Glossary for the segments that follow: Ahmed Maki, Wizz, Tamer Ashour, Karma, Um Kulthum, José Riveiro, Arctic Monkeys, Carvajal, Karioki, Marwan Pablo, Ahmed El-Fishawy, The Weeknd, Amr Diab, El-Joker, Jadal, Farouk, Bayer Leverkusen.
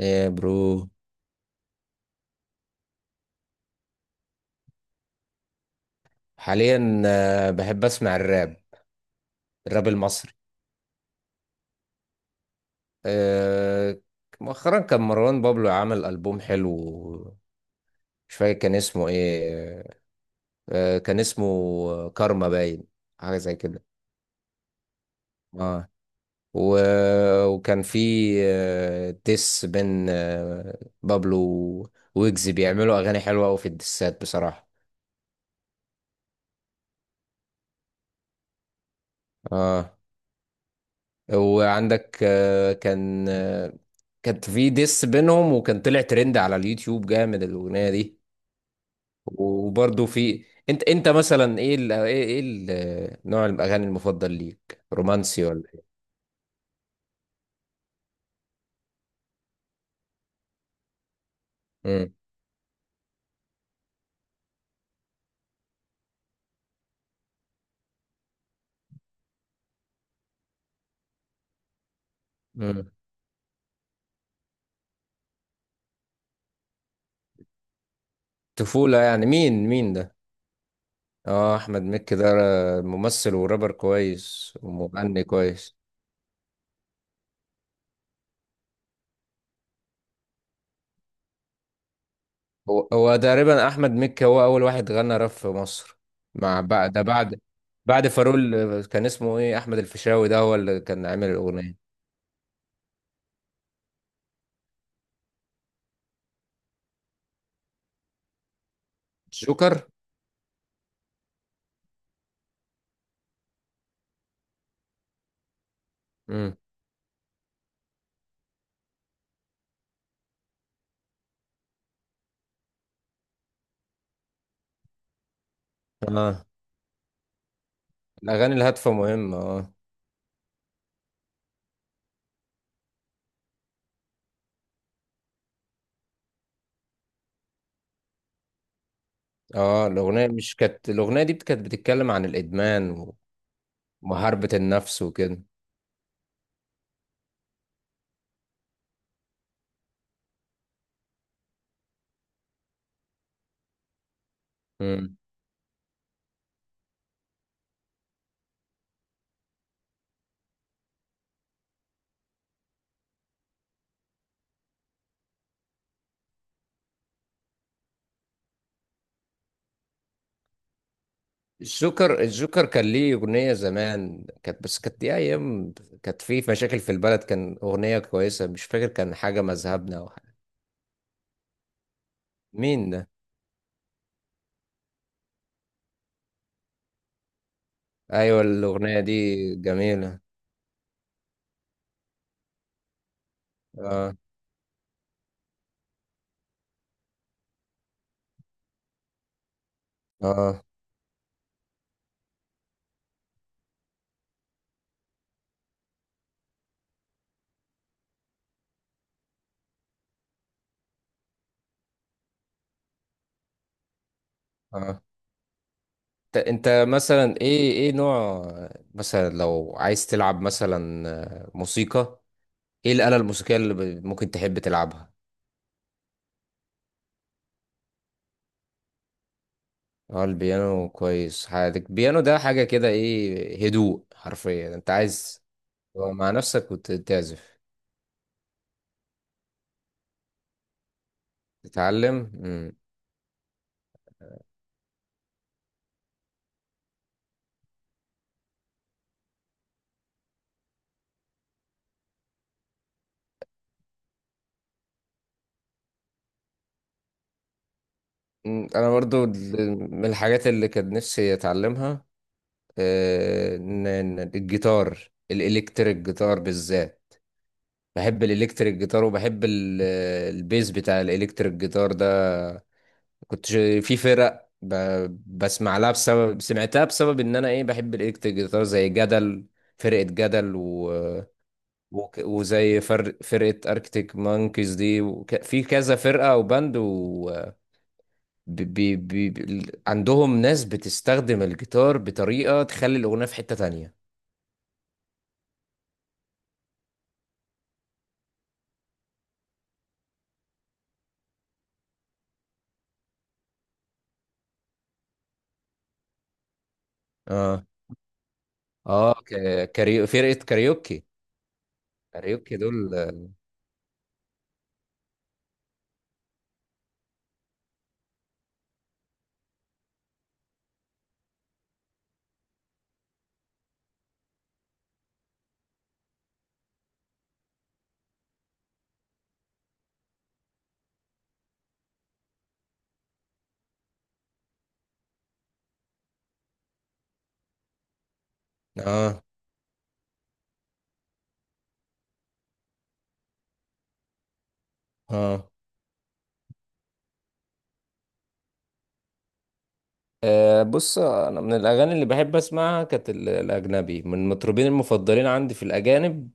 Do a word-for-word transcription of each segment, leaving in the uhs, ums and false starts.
ايه برو. حاليا، آه، بحب اسمع الراب. الراب المصري. آه، مؤخرا كان مروان بابلو عمل ألبوم حلو. مش فاكر كان اسمه ايه. آه، كان اسمه كارما باين، حاجة زي كده. اه. و... وكان في آه، ديس بين آه، بابلو ويجز بيعملوا أغاني حلوة أوي في الديسات بصراحة. اه. وعندك آه، كان آه، كانت في ديس بينهم، وكان طلع ترند على اليوتيوب جامد الاغنيه دي. وبرضه في، انت انت مثلا، ايه ال... ايه ايه ال... نوع الاغاني المفضل ليك، رومانسي ولا ايه؟ امم امم طفوله يعني، مين مين ده؟ اه، احمد مكي ده ممثل ورابر كويس ومغني كويس. هو هو تقريبا احمد مكي هو اول واحد غنى راب في مصر، مع بعد ده، بعد بعد فاروق. كان اسمه ايه، احمد الفيشاوي ده هو اللي كان عامل الاغنيه. شكر. امم. اه، الأغاني الهادفة مهمة، اه. اه، الأغنية مش كانت، الأغنية دي كانت بتتكلم عن الإدمان ومحاربة النفس وكده. مم. الجوكر الجوكر كان ليه أغنية زمان، كانت بس كانت دي أيام كانت في مشاكل في البلد. كان أغنية كويسة، مش فاكر، كان حاجة مذهبنا أو حاجة. مين ده؟ أيوة، الأغنية دي جميلة. اه، اه، اه. ت- انت مثلا ايه ايه نوع، مثلا لو عايز تلعب مثلا موسيقى، ايه الآلة الموسيقية اللي ب- ممكن تحب تلعبها؟ اه، البيانو كويس. حياتك البيانو ده حاجة كده، ايه، هدوء حرفيا، انت عايز تبقى مع نفسك وتعزف. تتعلم. مم. مم. انا برضو، ال- من الحاجات اللي كان نفسي اتعلمها، آه، إن- إن الجيتار الالكتريك جيتار بالذات. بحب الالكتريك جيتار، وبحب ال- البيز بتاع الالكتريك جيتار ده. كنت ش- في فرق ب... بسمع لها، بسبب سمعتها، بسبب ان انا ايه بحب الالكتريك جيتار زي جدل، فرقة جدل، و... و... وزي فر... فرقة اركتيك مانكيز دي، وك... في كذا فرقة او باند، و... ب... ب... ب... ب- عندهم ناس بتستخدم الجيتار بطريقة تخلي الاغنية في حتة تانية. اه، اه. ك... كاريو... فرقة كاريوكي، كاريوكي دول. اه، اه. أه بص، انا من الاغاني اللي بحب اسمعها كانت ال- الاجنبي، من المطربين المفضلين عندي في الاجانب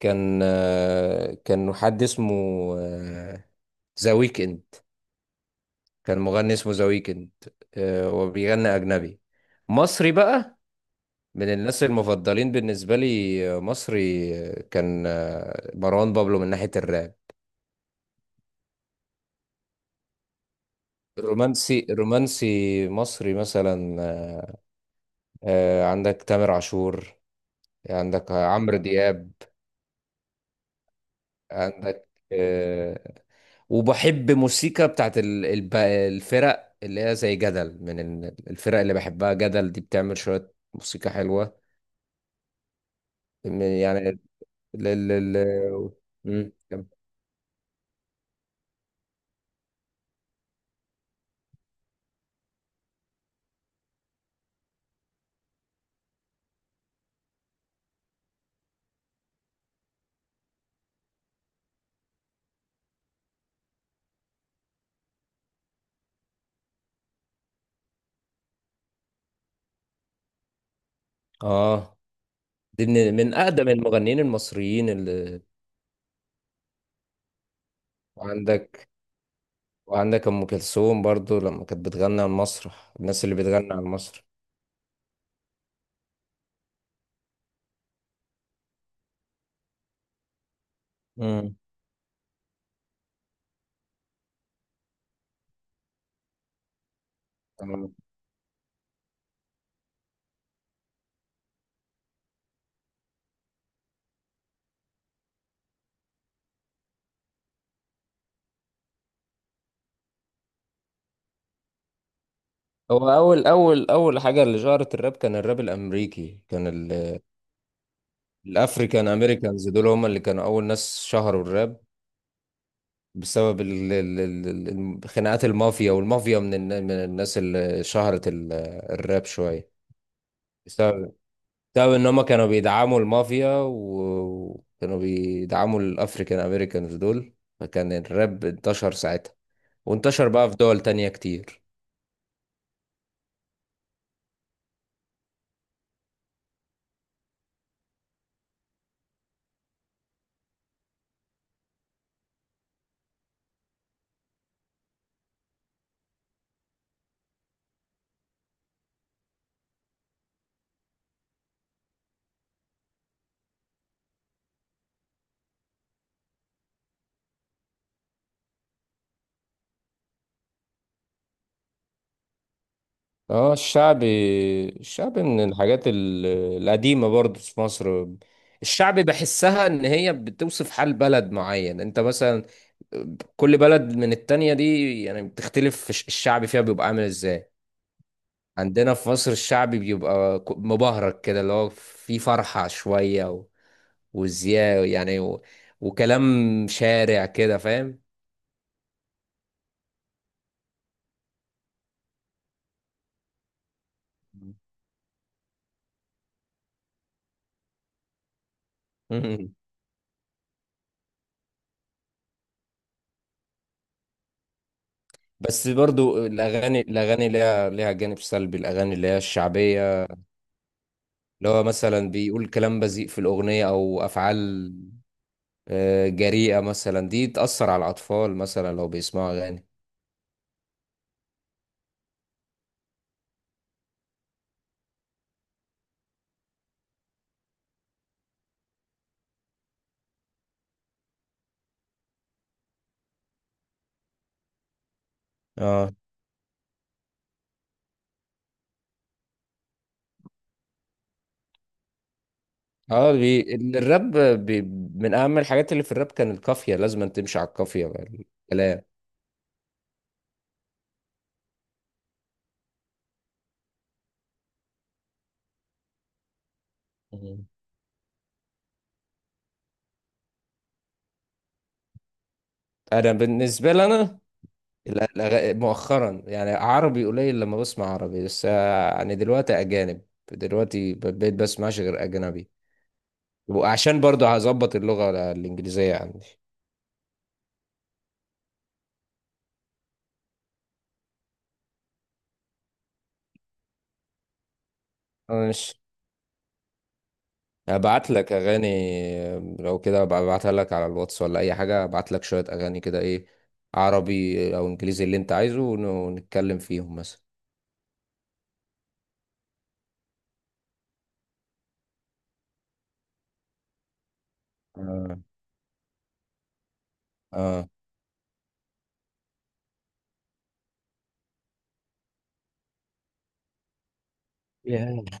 كان، أه كان حد اسمه آه، ذا ويكند. كان مغني اسمه ذا ويكند، أه، وبيغني اجنبي. مصري بقى من الناس المفضلين بالنسبه لي، آه، مصري، آه، كان آه، مروان بابلو من ناحيه الراب. رومانسي، رومانسي مصري مثلا، آه، آه، عندك تامر عاشور، عندك عمرو دياب، عندك، آه، وبحب موسيقى بتاعت ال- الب- الفرق اللي هي زي جدل، من ال- الفرق اللي بحبها، جدل دي بتعمل شوية موسيقى حلوة، من- يعني ال ال ال. مم. كم- اه، دي من من أقدم المغنيين المصريين اللي، وعندك وعندك أم كلثوم برضو لما كانت بتغني على المسرح، الناس اللي بتغني على المسرح. مم. تمام. هو أول أول أول حاجة اللي شهرت الراب كان الراب الأمريكي، كان الافريكان امريكانز دول هم اللي كانوا اول ناس شهروا الراب، بسبب ال- ال- ال- ال- خناقات المافيا، والمافيا من الن- من الناس اللي شهرت ال- الراب شويه، بسبب بسبب ان هم كانوا بيدعموا المافيا، و- وكانوا بيدعموا الافريكان امريكانز دول، فكان الراب انتشر ساعتها وانتشر بقى في دول تانية كتير. اه، الشعبي. الشعبي من الحاجات ال- القديمة برضو في مصر. الشعبي بحسها ان هي بتوصف حال بلد معين. انت مثلا كل بلد من التانية دي يعني بتختلف، في ش- الشعبي فيها بيبقى عامل ازاي. عندنا في مصر الشعبي بيبقى ك- مبهرج كده، اللي هو فيه فرحة شوية و... وزياء يعني، و... وكلام شارع كده، فاهم؟ مم. بس برضو الأغاني الأغاني ليها ليها جانب سلبي. الأغاني اللي هي الشعبية، اللي هو مثلا بيقول كلام بذيء في الأغنية أو أفعال آه، جريئة مثلا، دي تأثر على الأطفال مثلا لو بيسمعوا أغاني. اه، اه، بي... الراب بي... من أهم الحاجات اللي في الراب كان القافية، لازم أن تمشي على القافية بقى الكلام. مم. أنا بالنسبة لي، أنا ال- الأغ- مؤخرا يعني عربي قليل، لما بسمع عربي بس، آه، يعني دلوقتي أجانب، دلوقتي ب- بقيت بسمعش غير أجنبي، وعشان برضه هظبط اللغة الإنجليزية عندي. ماشي، ابعت لك اغاني. لو كده أبقى ابعتها لك على الواتس ولا اي حاجه، ابعت لك شويه اغاني كده، ايه، عربي او انجليزي اللي انت عايزه، ون- ونتكلم فيهم مثلا. آه. اه، ياه،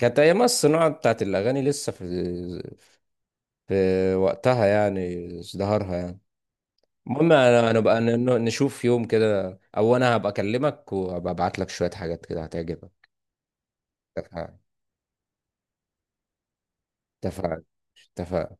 كانت ايام الصناعه بتاعت الاغاني لسه في في وقتها يعني، ازدهارها يعني. المهم، انا نبقى ن- نشوف يوم كده، او انا هبقى اكلمك وهبقى ابعت لك شويه حاجات كده هتعجبك. اتفقنا، اتفقنا، اتفقنا.